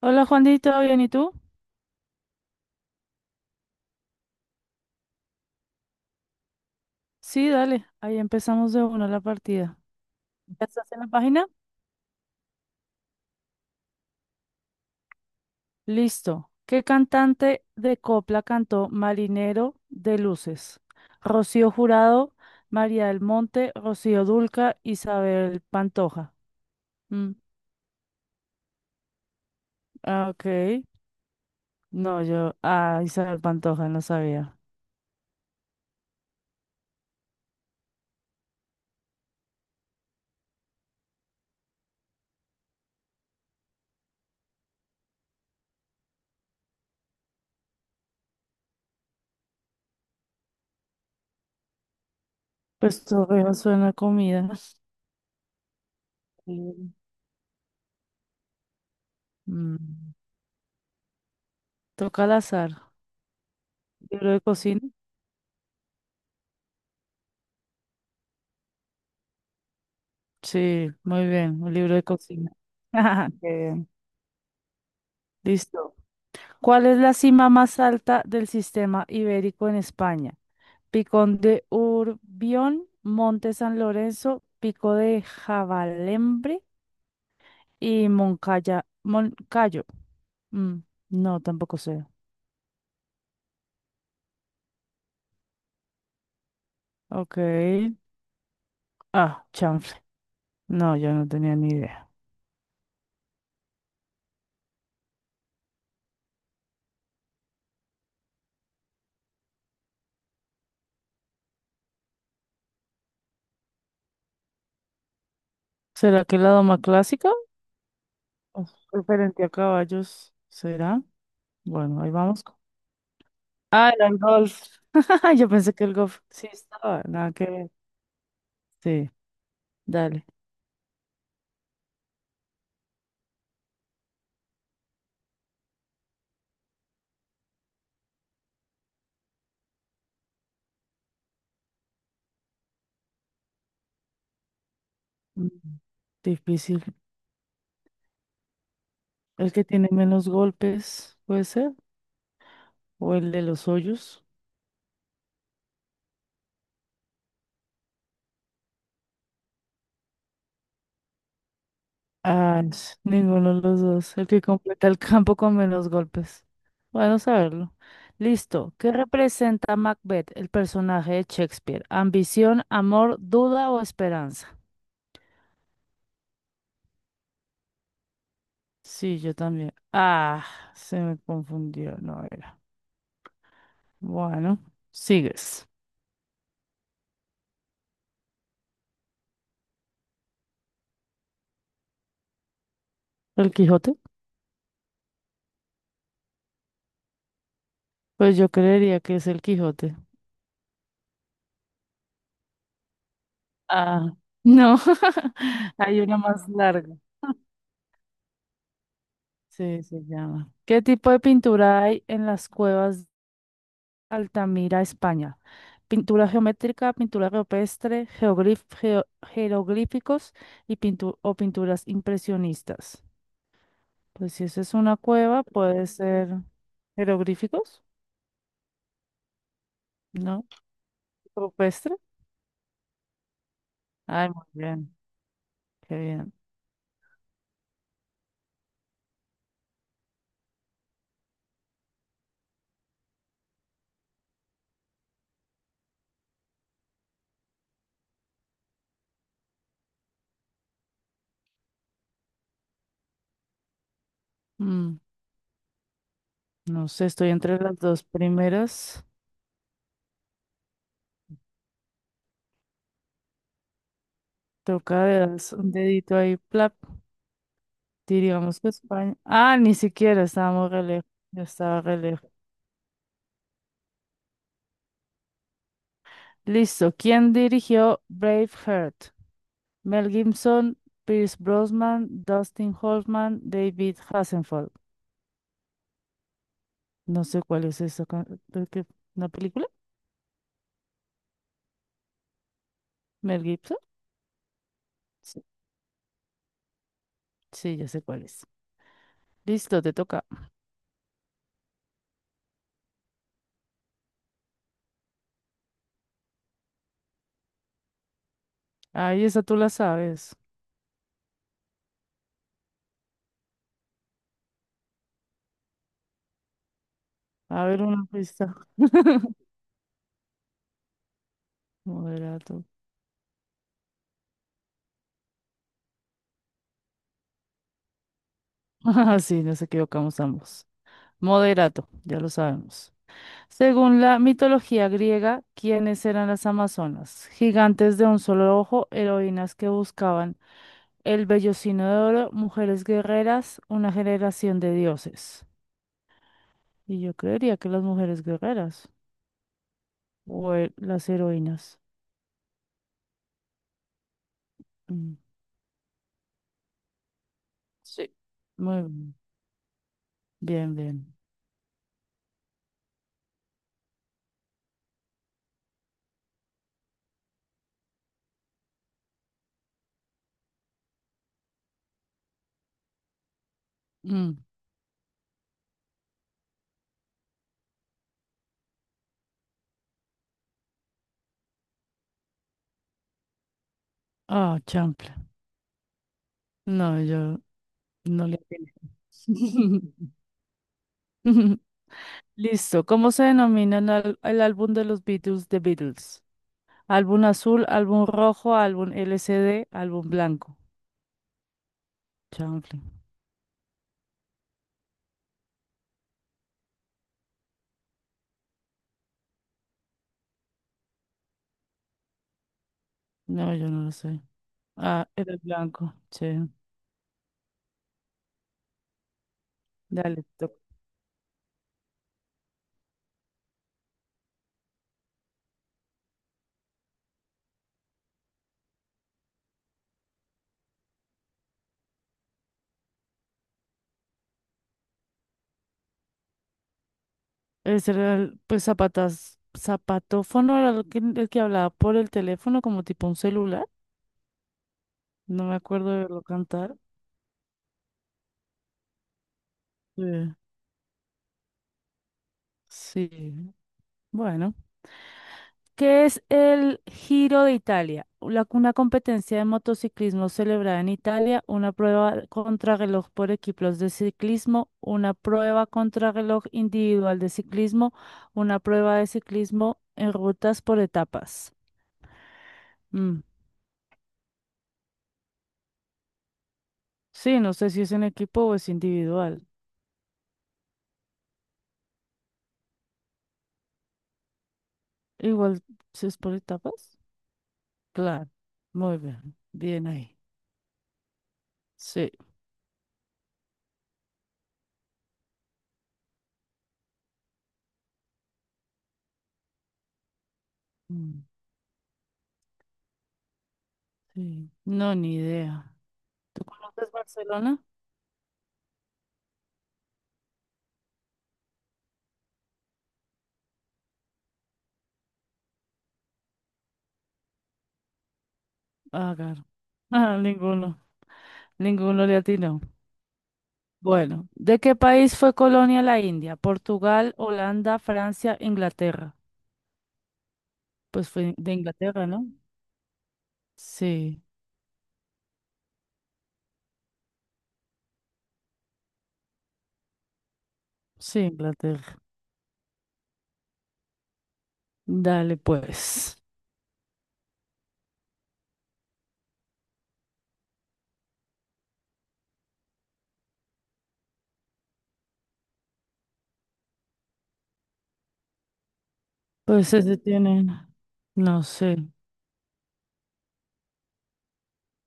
Hola Juanito, ¿todo bien y tú? Sí, dale, ahí empezamos de una la partida. ¿Ya estás en la página? Listo. ¿Qué cantante de copla cantó Marinero de Luces? Rocío Jurado, María del Monte, Rocío Dulca, Isabel Pantoja. Mm, ah, ok. No, yo, ah, Isabel Pantoja, no sabía. Pues todo suena a comida. Mm, Mm, Toca al azar. Libro de cocina. Sí, muy bien, un libro de cocina. Qué bien. Listo. ¿Cuál es la cima más alta del sistema ibérico en España? Picón de Urbión, Monte San Lorenzo, Pico de Javalembre y Moncaya, Moncayo. Mm, no, tampoco sé. Ok. Ah, chanfle. No, yo no tenía ni idea. ¿Será que la doma clásica? ¿O referente a caballos, será? Bueno, ahí vamos. Ah, era el golf. Yo pensé que el golf sí estaba. Nada que ver. Sí, dale. Mm, Difícil. El que tiene menos golpes, puede ser. O el de los hoyos. Ah, ch, ninguno de los dos. El que completa el campo con menos golpes. Bueno, saberlo. Listo. ¿Qué representa Macbeth, el personaje de Shakespeare? ¿Ambición, amor, duda o esperanza? Sí, yo también. Ah, se me confundió. No era. Bueno, sigues. ¿El Quijote? Pues yo creería que es el Quijote. Ah, no, hay una más larga. Sí, se llama. ¿Qué tipo de pintura hay en las cuevas de Altamira, España? Pintura geométrica, pintura rupestre, jeroglíficos y o pinturas impresionistas. Pues si esa es una cueva, puede ser jeroglíficos, ¿no? Rupestre. Ay, muy bien, qué bien. Mm, no sé, estoy entre las dos primeras. Toca de das un dedito ahí, plap. Diríamos que España. Ah, ni siquiera estábamos re lejos. Yo estaba re lejos. Listo. ¿Quién dirigió Braveheart? Mel Gibson, Pierce Brosnan, Dustin Hoffman, David Hasselhoff. No sé cuál es esa. Creo que- ¿Una película? ¿Mel Gibson? Sí, sí, ya sé cuál es. Listo, te toca. Ahí esa tú la sabes. A ver una pista. Moderato. Ah, sí, nos equivocamos ambos. Moderato, ya lo sabemos. Según la mitología griega, ¿quiénes eran las amazonas? Gigantes de un solo ojo, heroínas que buscaban el vellocino de oro, mujeres guerreras, una generación de dioses. Y yo creería que las mujeres guerreras o las heroínas. Mm, sí. Muy bien, bien, bien. Mm, Ah, champla. No, yo no le atiné. Listo. ¿Cómo se denomina el álbum de los Beatles, The Beatles? Álbum azul, álbum rojo, álbum LCD, álbum blanco. Chanfle. No, yo no lo sé. Ah, era el blanco. Sí. Dale, toc. Ese era el, pues zapatas, zapatófono era el que hablaba por el teléfono como tipo un celular. No me acuerdo de verlo cantar. Sí. Sí. Bueno. ¿Qué es el Giro de Italia? Una competencia de motociclismo celebrada en Italia, una prueba contrarreloj por equipos de ciclismo, una prueba contrarreloj individual de ciclismo, una prueba de ciclismo en rutas por etapas. Mm, Sí, no sé si es en equipo o es individual. Igual, si es por etapas. Claro, muy bien, bien ahí. Sí, mm, sí, no, ni idea. ¿Tú conoces Barcelona? Ah, claro. Ah, ninguno le atinó. Bueno, ¿de qué país fue colonia la India? ¿Portugal, Holanda, Francia, Inglaterra? Pues fue de Inglaterra, ¿no? Sí, sí, Inglaterra. Dale, pues. Pues ese tiene, no sé.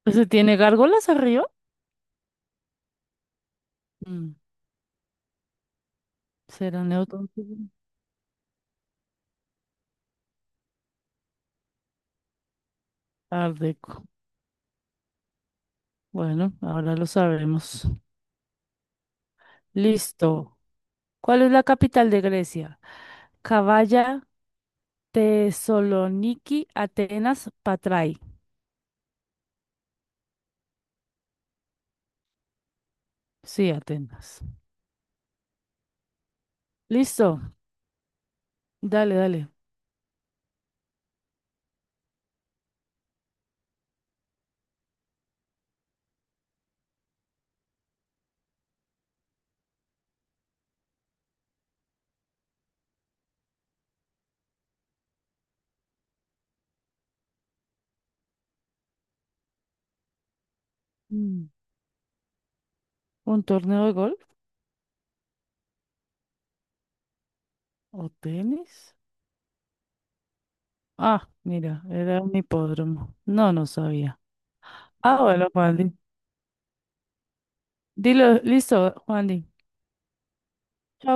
¿Ese tiene gárgolas arriba? Mm, ¿Será neutro? Art Deco. Bueno, ahora lo sabremos. Listo. ¿Cuál es la capital de Grecia? Cavalla, Tesaloniki, Atenas, Patrai. Sí, Atenas. Listo. Dale, dale. Mm, ¿Un torneo de golf o tenis? Ah, mira, era un hipódromo. No, no sabía. Ah, bueno, Juan. Dilo, listo, Juan. Chao.